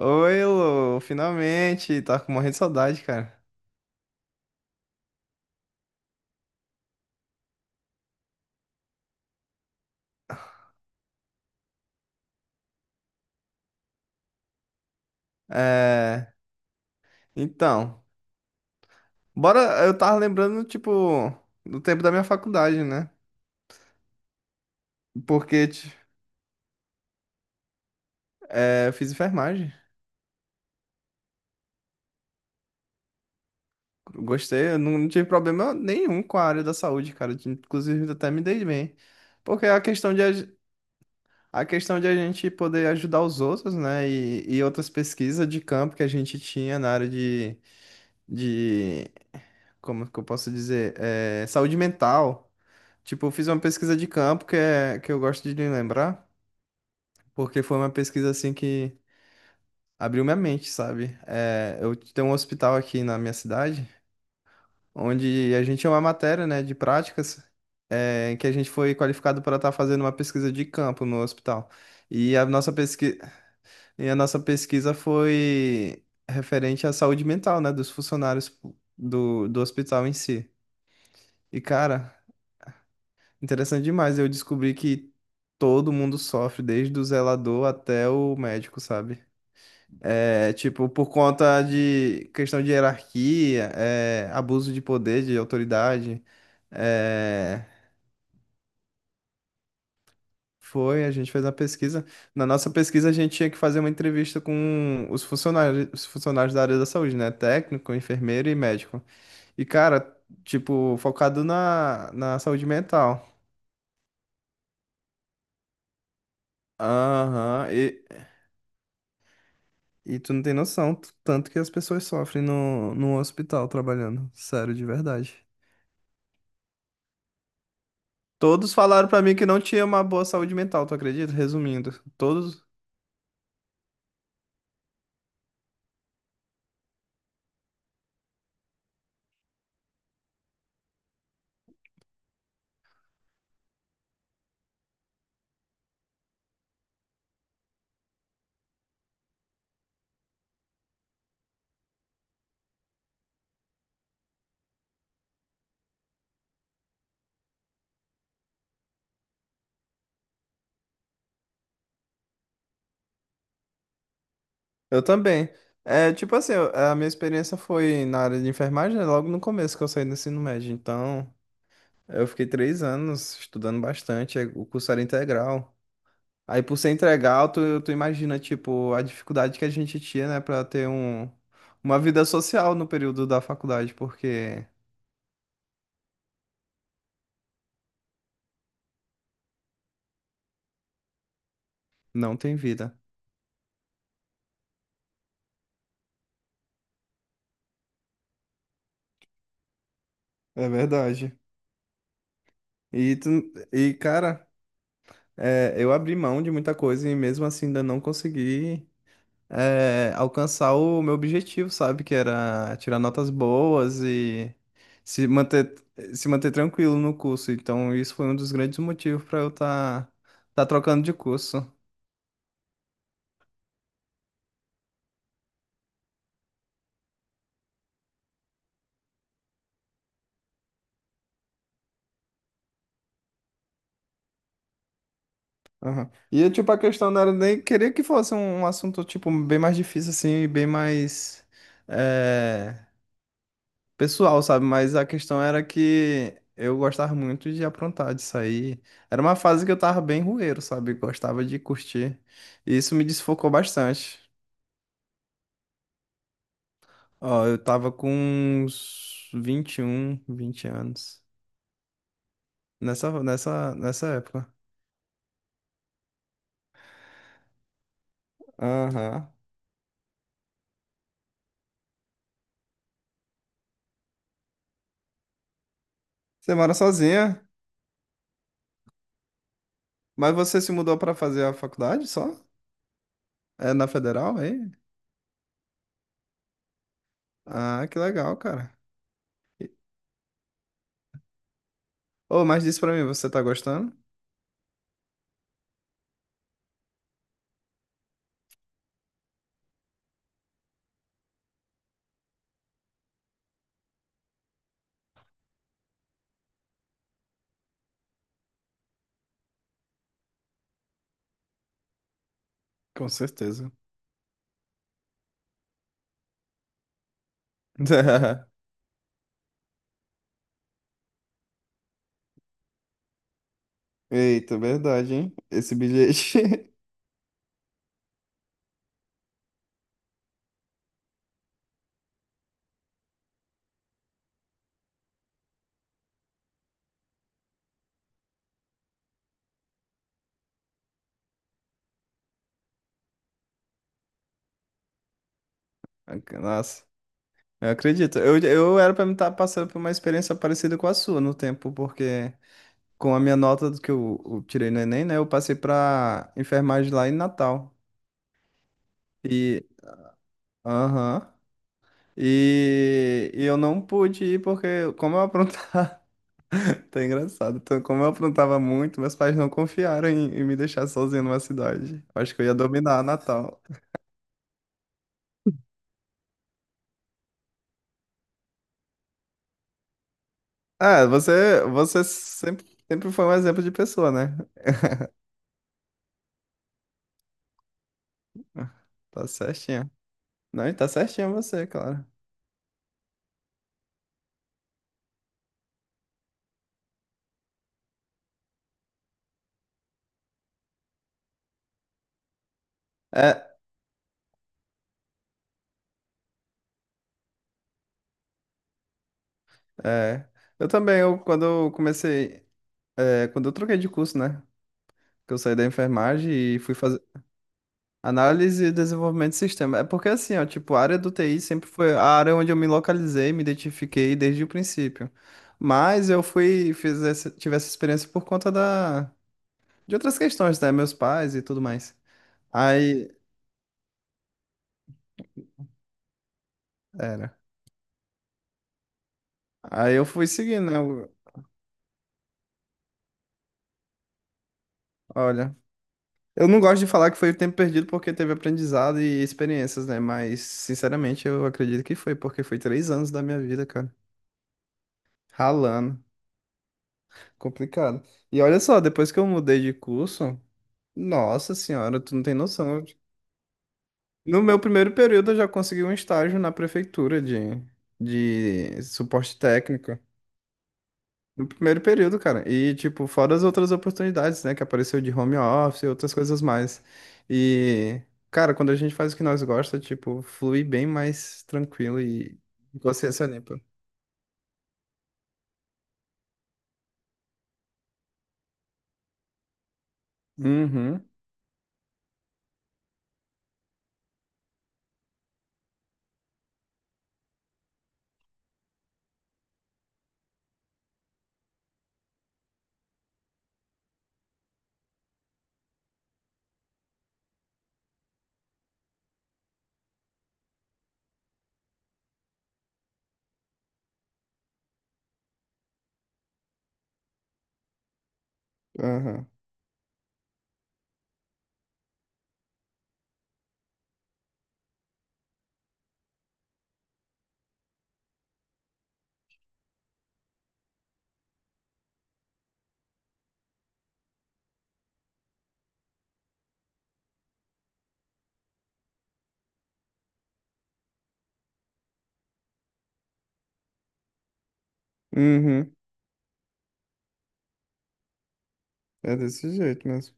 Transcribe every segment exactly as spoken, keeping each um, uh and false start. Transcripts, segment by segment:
Oi, Lu, finalmente, tava morrendo de saudade, cara. É, então, bora, eu tava lembrando, tipo, do tempo da minha faculdade, né? Porque ti- é, eu fiz enfermagem, gostei, eu não, não tive problema nenhum com a área da saúde, cara, inclusive até me dei bem. Porque a questão de, aj- a questão de a gente poder ajudar os outros, né, e, e outras pesquisas de campo que a gente tinha na área de, de, como que eu posso dizer, É, saúde mental. Tipo, eu fiz uma pesquisa de campo que, é, que eu gosto de lembrar, porque foi uma pesquisa assim que abriu minha mente, sabe? É, eu tenho um hospital aqui na minha cidade, onde a gente tinha uma matéria, né, de práticas, é, em que a gente foi qualificado para estar fazendo uma pesquisa de campo no hospital. E a nossa pesqui... e a nossa pesquisa foi referente à saúde mental, né, dos funcionários do, do hospital em si. E, cara, interessante demais. Eu descobri que todo mundo sofre, desde o zelador até o médico, sabe? É, tipo, por conta de questão de hierarquia, é, abuso de poder, de autoridade. É, foi, a gente fez uma pesquisa. Na nossa pesquisa, a gente tinha que fazer uma entrevista com os funcionários, os funcionários da área da saúde, né? Técnico, enfermeiro e médico. E, cara, tipo, focado na, na saúde mental. Aham. E- E tu não tem noção, t- tanto que as pessoas sofrem no, no hospital trabalhando. Sério, de verdade. Todos falaram pra mim que não tinha uma boa saúde mental, tu acredita? Resumindo, todos. Eu também. É, tipo assim, eu- a minha experiência foi na área de enfermagem, né, logo no começo que eu saí do ensino médio. Então, eu fiquei três anos estudando bastante, é, o curso era integral. Aí, por ser integral, tu, tu imagina, tipo, a dificuldade que a gente tinha, né, pra ter um, uma vida social no período da faculdade, porque. Não tem vida. É verdade. E, tu, e cara, é, eu abri mão de muita coisa e mesmo assim ainda não consegui é, alcançar o meu objetivo, sabe? Que era tirar notas boas e se manter, se manter tranquilo no curso. Então, isso foi um dos grandes motivos para eu estar tá, tá trocando de curso. Aham. E, tipo, a questão não era nem queria que fosse um assunto, tipo, bem mais difícil, assim, e bem mais. é, pessoal, sabe? Mas a questão era que eu gostava muito de aprontar, de sair. Era uma fase que eu tava bem rueiro, sabe? Gostava de curtir. E isso me desfocou bastante. Ó, eu tava com uns vinte e um, vinte anos. Nessa, nessa, nessa época. Aham. Você mora sozinha, mas você se mudou pra fazer a faculdade só? É na Federal, é aí? Ah, que legal, cara. Ô, mas diz pra mim, você tá gostando? Com certeza. Eita, verdade, hein? Esse bilhete. Nossa, eu acredito. Eu, eu era pra me estar passando por uma experiência parecida com a sua no tempo, porque com a minha nota do que eu, eu tirei no Enem, né? Eu passei pra enfermagem lá em Natal. E. Aham. E, e eu não pude ir porque, como eu aprontava. Tá engraçado. Então, como eu aprontava muito, meus pais não confiaram em, em me deixar sozinho numa cidade. Acho que eu ia dominar Natal. Ah, você, você sempre. Sempre foi um exemplo de pessoa, né? Tá certinho. Não, e tá certinho você, claro. É, é. Eu também, eu, quando eu comecei, é, quando eu troquei de curso, né? Que eu saí da enfermagem e fui fazer análise e desenvolvimento de sistema. É porque assim, ó, tipo, a área do T I sempre foi a área onde eu me localizei, me identifiquei desde o princípio. Mas eu fui, fiz essa, tive essa experiência por conta da, de outras questões, né? Meus pais e tudo mais. Aí, era. Aí eu fui seguindo, né? o- Olha. Eu não gosto de falar que foi tempo perdido porque teve aprendizado e experiências, né? Mas, sinceramente, eu acredito que foi, porque foi três anos da minha vida, cara. Ralando. Complicado. E olha só, depois que eu mudei de curso, nossa senhora, tu não tem noção. No meu primeiro período, eu já consegui um estágio na prefeitura de, de suporte técnico. No primeiro período, cara. E, tipo, fora as outras oportunidades, né? Que apareceu de home office e outras coisas mais. E, cara, quando a gente faz o que nós gosta, tipo, flui bem mais tranquilo e consciência limpa. Uhum, aham, uhum. É desse jeito mesmo.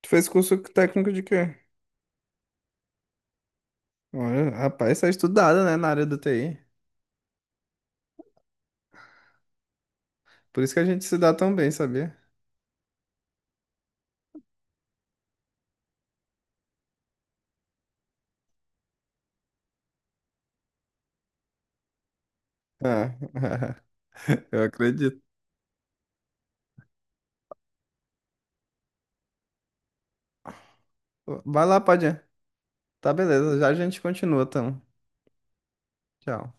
Tu fez curso técnico de quê? Olha, rapaz, tá estudada, né, na área do T I. Por isso que a gente se dá tão bem, sabia? Ah, eu acredito. Vai lá, Padinha. Tá, beleza. Já a gente continua, então. Tchau.